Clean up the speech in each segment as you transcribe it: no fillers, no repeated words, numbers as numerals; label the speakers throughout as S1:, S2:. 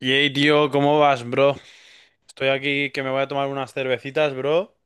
S1: Yay, tío, ¿cómo vas, bro? Estoy aquí que me voy a tomar unas cervecitas, bro,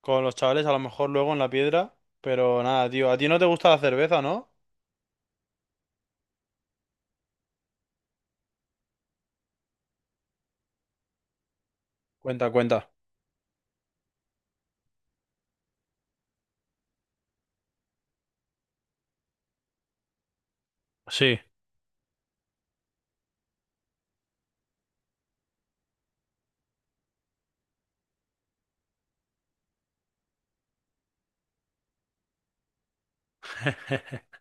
S1: con los chavales, a lo mejor luego en la piedra, pero nada, tío, a ti no te gusta la cerveza, ¿no? Cuenta, cuenta. Sí.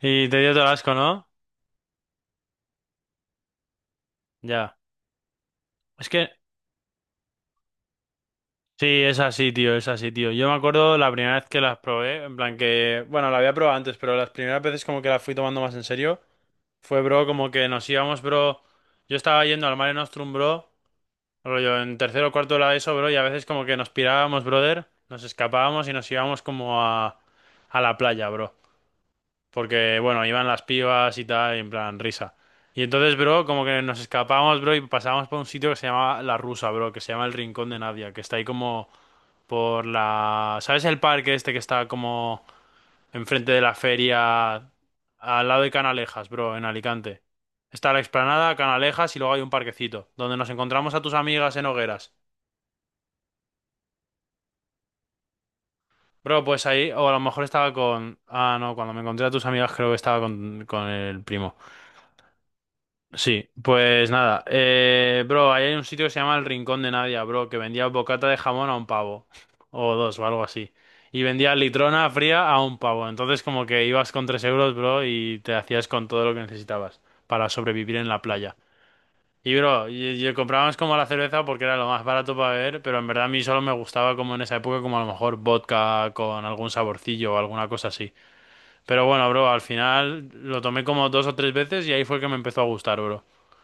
S1: Y te dio todo el asco, ¿no? Ya. Es que sí, es así, tío, es así, tío. Yo me acuerdo la primera vez que las probé, en plan que, bueno, la había probado antes, pero las primeras veces como que las fui tomando más en serio, fue, bro, como que nos íbamos, bro. Yo estaba yendo al Mare Nostrum, bro. Rollo, en tercero o cuarto de la ESO, bro, y a veces como que nos pirábamos, brother, nos escapábamos y nos íbamos como a la playa, bro. Porque, bueno, iban las pibas y tal, y en plan, risa. Y entonces, bro, como que nos escapábamos, bro, y pasábamos por un sitio que se llama La Rusa, bro, que se llama el Rincón de Nadia, que está ahí como por la... ¿Sabes el parque este que está como enfrente de la feria, al lado de Canalejas, bro, en Alicante? Está la explanada, Canalejas y luego hay un parquecito, donde nos encontramos a tus amigas en hogueras. Bro, pues ahí, o a lo mejor estaba con... Ah, no, cuando me encontré a tus amigas creo que estaba con el primo. Sí, pues nada. Bro, ahí hay un sitio que se llama El Rincón de Nadia, bro, que vendía bocata de jamón a un pavo. O dos, o algo así. Y vendía litrona fría a un pavo. Entonces como que ibas con 3 euros, bro, y te hacías con todo lo que necesitabas para sobrevivir en la playa. Y bro, y comprábamos como la cerveza porque era lo más barato para beber, pero en verdad a mí solo me gustaba como en esa época, como a lo mejor vodka con algún saborcillo o alguna cosa así. Pero bueno, bro, al final lo tomé como dos o tres veces y ahí fue que me empezó a gustar, bro.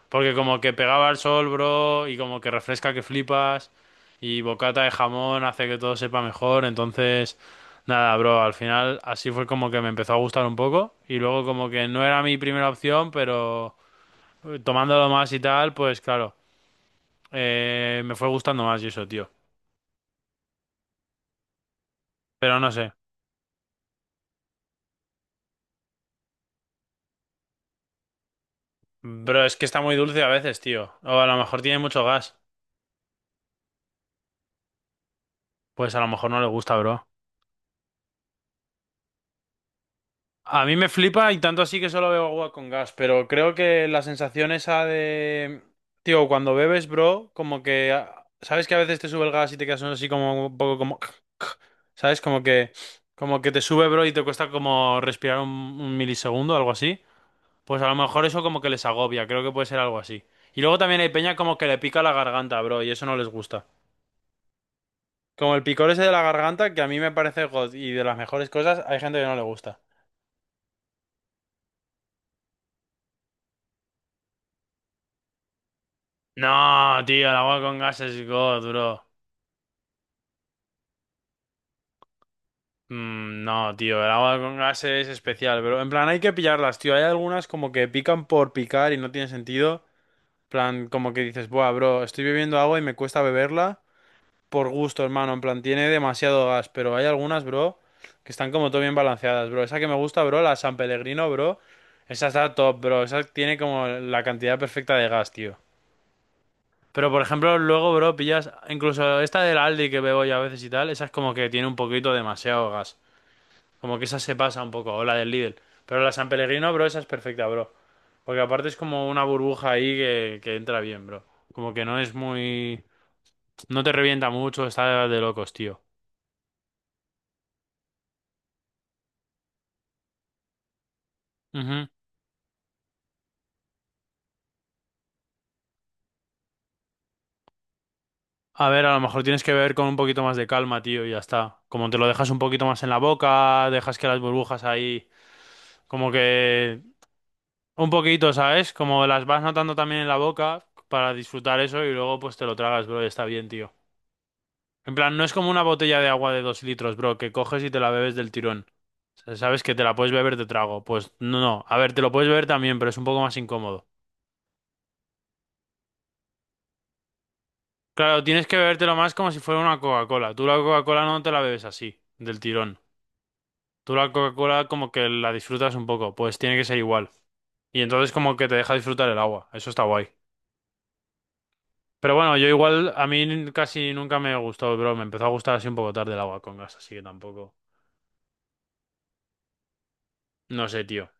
S1: Porque como que pegaba al sol, bro, y como que refresca que flipas, y bocata de jamón hace que todo sepa mejor, entonces... Nada, bro, al final así fue como que me empezó a gustar un poco y luego como que no era mi primera opción, pero tomándolo más y tal, pues claro. Me fue gustando más y eso, tío. Pero no sé. Bro, es que está muy dulce a veces, tío. O a lo mejor tiene mucho gas. Pues a lo mejor no le gusta, bro. A mí me flipa y tanto así que solo bebo agua con gas. Pero creo que la sensación esa de... Tío, cuando bebes, bro, como que... ¿sabes que a veces te sube el gas y te quedas así como un poco como... ¿Sabes? Como que te sube, bro, y te cuesta como respirar un milisegundo, algo así. Pues a lo mejor eso como que les agobia, creo que puede ser algo así. Y luego también hay peña como que le pica la garganta, bro, y eso no les gusta. Como el picor ese de la garganta, que a mí me parece god y de las mejores cosas, hay gente que no le gusta. No, tío, el agua con gas es god, bro. Mm, no, tío, el agua con gas es especial, bro. En plan, hay que pillarlas, tío. Hay algunas como que pican por picar y no tiene sentido. En plan, como que dices, buah, bro, estoy bebiendo agua y me cuesta beberla. Por gusto, hermano. En plan, tiene demasiado gas, pero hay algunas, bro, que están como todo bien balanceadas, bro. Esa que me gusta, bro, la San Pellegrino, bro. Esa está top, bro. Esa tiene como la cantidad perfecta de gas, tío. Pero, por ejemplo, luego, bro, pillas... Incluso esta del Aldi que bebo yo a veces y tal, esa es como que tiene un poquito demasiado gas. Como que esa se pasa un poco, o la del Lidl. Pero la San Pellegrino, bro, esa es perfecta, bro. Porque aparte es como una burbuja ahí que entra bien, bro. Como que no es muy... No te revienta mucho, está de locos, tío. Ujú. A ver, a lo mejor tienes que beber con un poquito más de calma, tío, y ya está. Como te lo dejas un poquito más en la boca, dejas que las burbujas ahí, como que un poquito, ¿sabes? Como las vas notando también en la boca para disfrutar eso y luego pues te lo tragas, bro, y está bien, tío. En plan, no es como una botella de agua de 2 litros, bro, que coges y te la bebes del tirón. O sea, sabes que te la puedes beber de trago. Pues no, no. A ver, te lo puedes beber también, pero es un poco más incómodo. Claro, tienes que bebértelo más como si fuera una Coca-Cola. Tú la Coca-Cola no te la bebes así, del tirón. Tú la Coca-Cola como que la disfrutas un poco, pues tiene que ser igual. Y entonces como que te deja disfrutar el agua, eso está guay. Pero bueno, yo igual, a mí casi nunca me gustó, bro, me empezó a gustar así un poco tarde el agua con gas, así que tampoco. No sé, tío.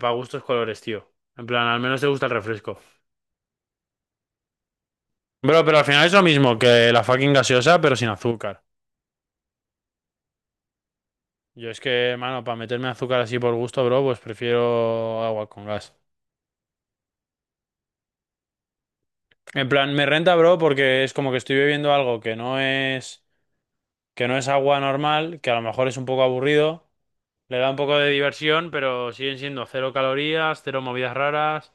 S1: Para gustos colores, tío. En plan, al menos te gusta el refresco. Bro, pero al final es lo mismo que la fucking gaseosa, pero sin azúcar. Yo es que, mano, para meterme azúcar así por gusto, bro, pues prefiero agua con gas. En plan, me renta, bro, porque es como que estoy bebiendo algo que no es agua normal, que a lo mejor es un poco aburrido, le da un poco de diversión, pero siguen siendo cero calorías, cero movidas raras.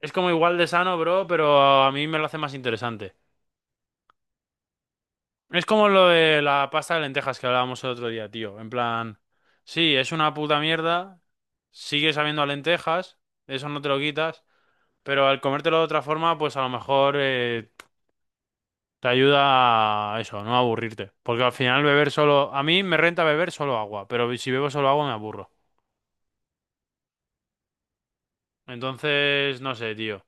S1: Es como igual de sano, bro, pero a mí me lo hace más interesante. Es como lo de la pasta de lentejas que hablábamos el otro día, tío. En plan, sí, es una puta mierda, sigue sabiendo a lentejas, eso no te lo quitas, pero al comértelo de otra forma, pues a lo mejor te ayuda a eso, no aburrirte. Porque al final beber solo, a mí me renta beber solo agua, pero si bebo solo agua me aburro. Entonces, no sé, tío.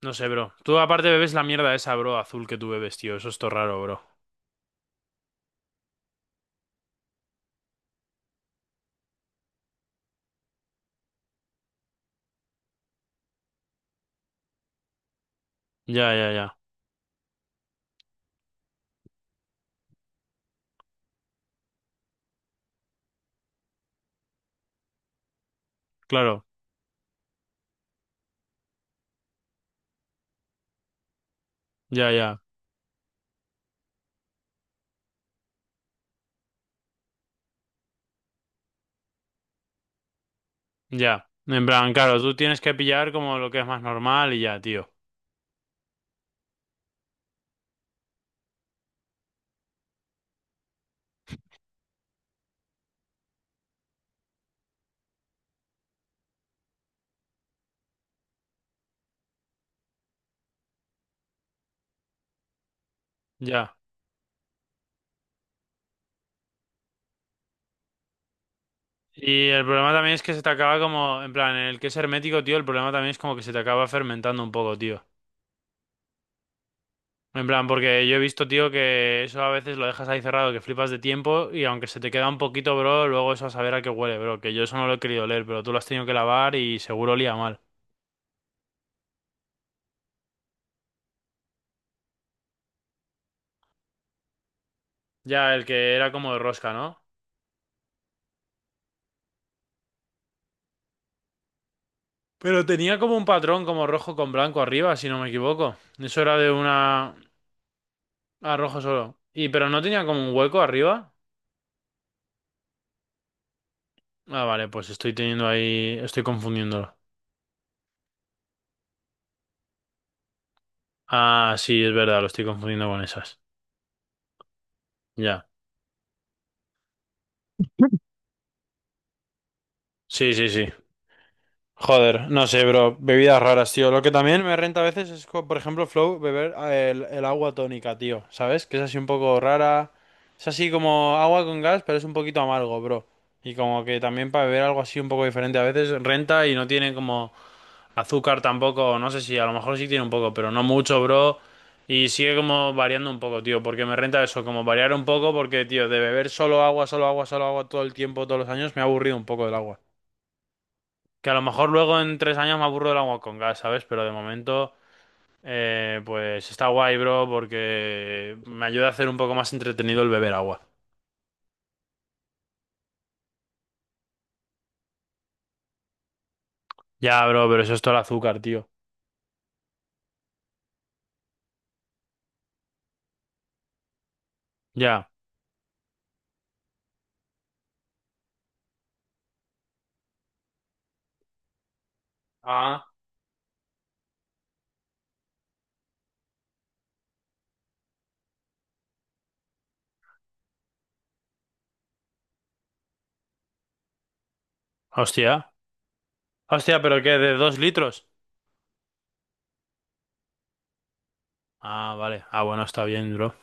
S1: No sé, bro. Tú aparte bebes la mierda esa, bro, azul que tú bebes, tío. Eso es todo raro, bro. Ya, ya, ya. Claro. Ya, ya. Ya. En plan, claro, tú tienes que pillar como lo que es más normal y ya, tío. Ya. Y el problema también es que se te acaba como, en plan, en el que es hermético, tío, el problema también es como que se te acaba fermentando un poco, tío. En plan, porque yo he visto, tío, que eso a veces lo dejas ahí cerrado, que flipas de tiempo y aunque se te queda un poquito, bro, luego eso a saber a qué huele, bro, que yo eso no lo he querido leer, pero tú lo has tenido que lavar y seguro olía mal. Ya, el que era como de rosca, ¿no? Pero tenía como un patrón como rojo con blanco arriba, si no me equivoco. Eso era de una... A rojo solo. Y pero no tenía como un hueco arriba. Ah, vale, pues estoy teniendo ahí... Estoy confundiéndolo. Ah, sí, es verdad, lo estoy confundiendo con esas. Ya. Sí, sí, sí. Joder, no sé, bro. Bebidas raras, tío. Lo que también me renta a veces es, por ejemplo, Flow, beber el agua tónica, tío. ¿Sabes? Que es así un poco rara. Es así como agua con gas, pero es un poquito amargo, bro. Y como que también para beber algo así un poco diferente a veces renta y no tiene como azúcar tampoco. No sé si a lo mejor sí tiene un poco, pero no mucho, bro. Y sigue como variando un poco, tío. Porque me renta eso, como variar un poco, porque, tío, de beber solo agua, solo agua, solo agua todo el tiempo, todos los años, me ha aburrido un poco del agua. Que a lo mejor luego en 3 años me aburro del agua con gas, ¿sabes? Pero de momento, pues está guay, bro, porque me ayuda a hacer un poco más entretenido el beber agua. Ya, bro, pero eso es todo el azúcar, tío. Ya. Ah, hostia. Hostia, ¿pero qué? ¿De dos litros? Ah, vale. Ah, bueno, está bien, bro.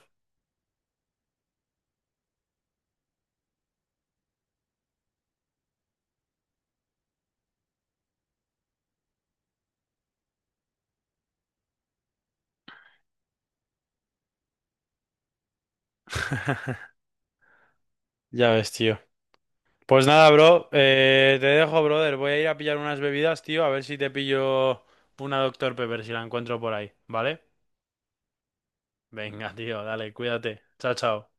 S1: Ya ves, tío. Pues nada, bro. Te dejo, brother. Voy a ir a pillar unas bebidas, tío. A ver si te pillo una doctor Pepper, si la encuentro por ahí, ¿vale? Venga, tío, dale, cuídate. Chao, chao.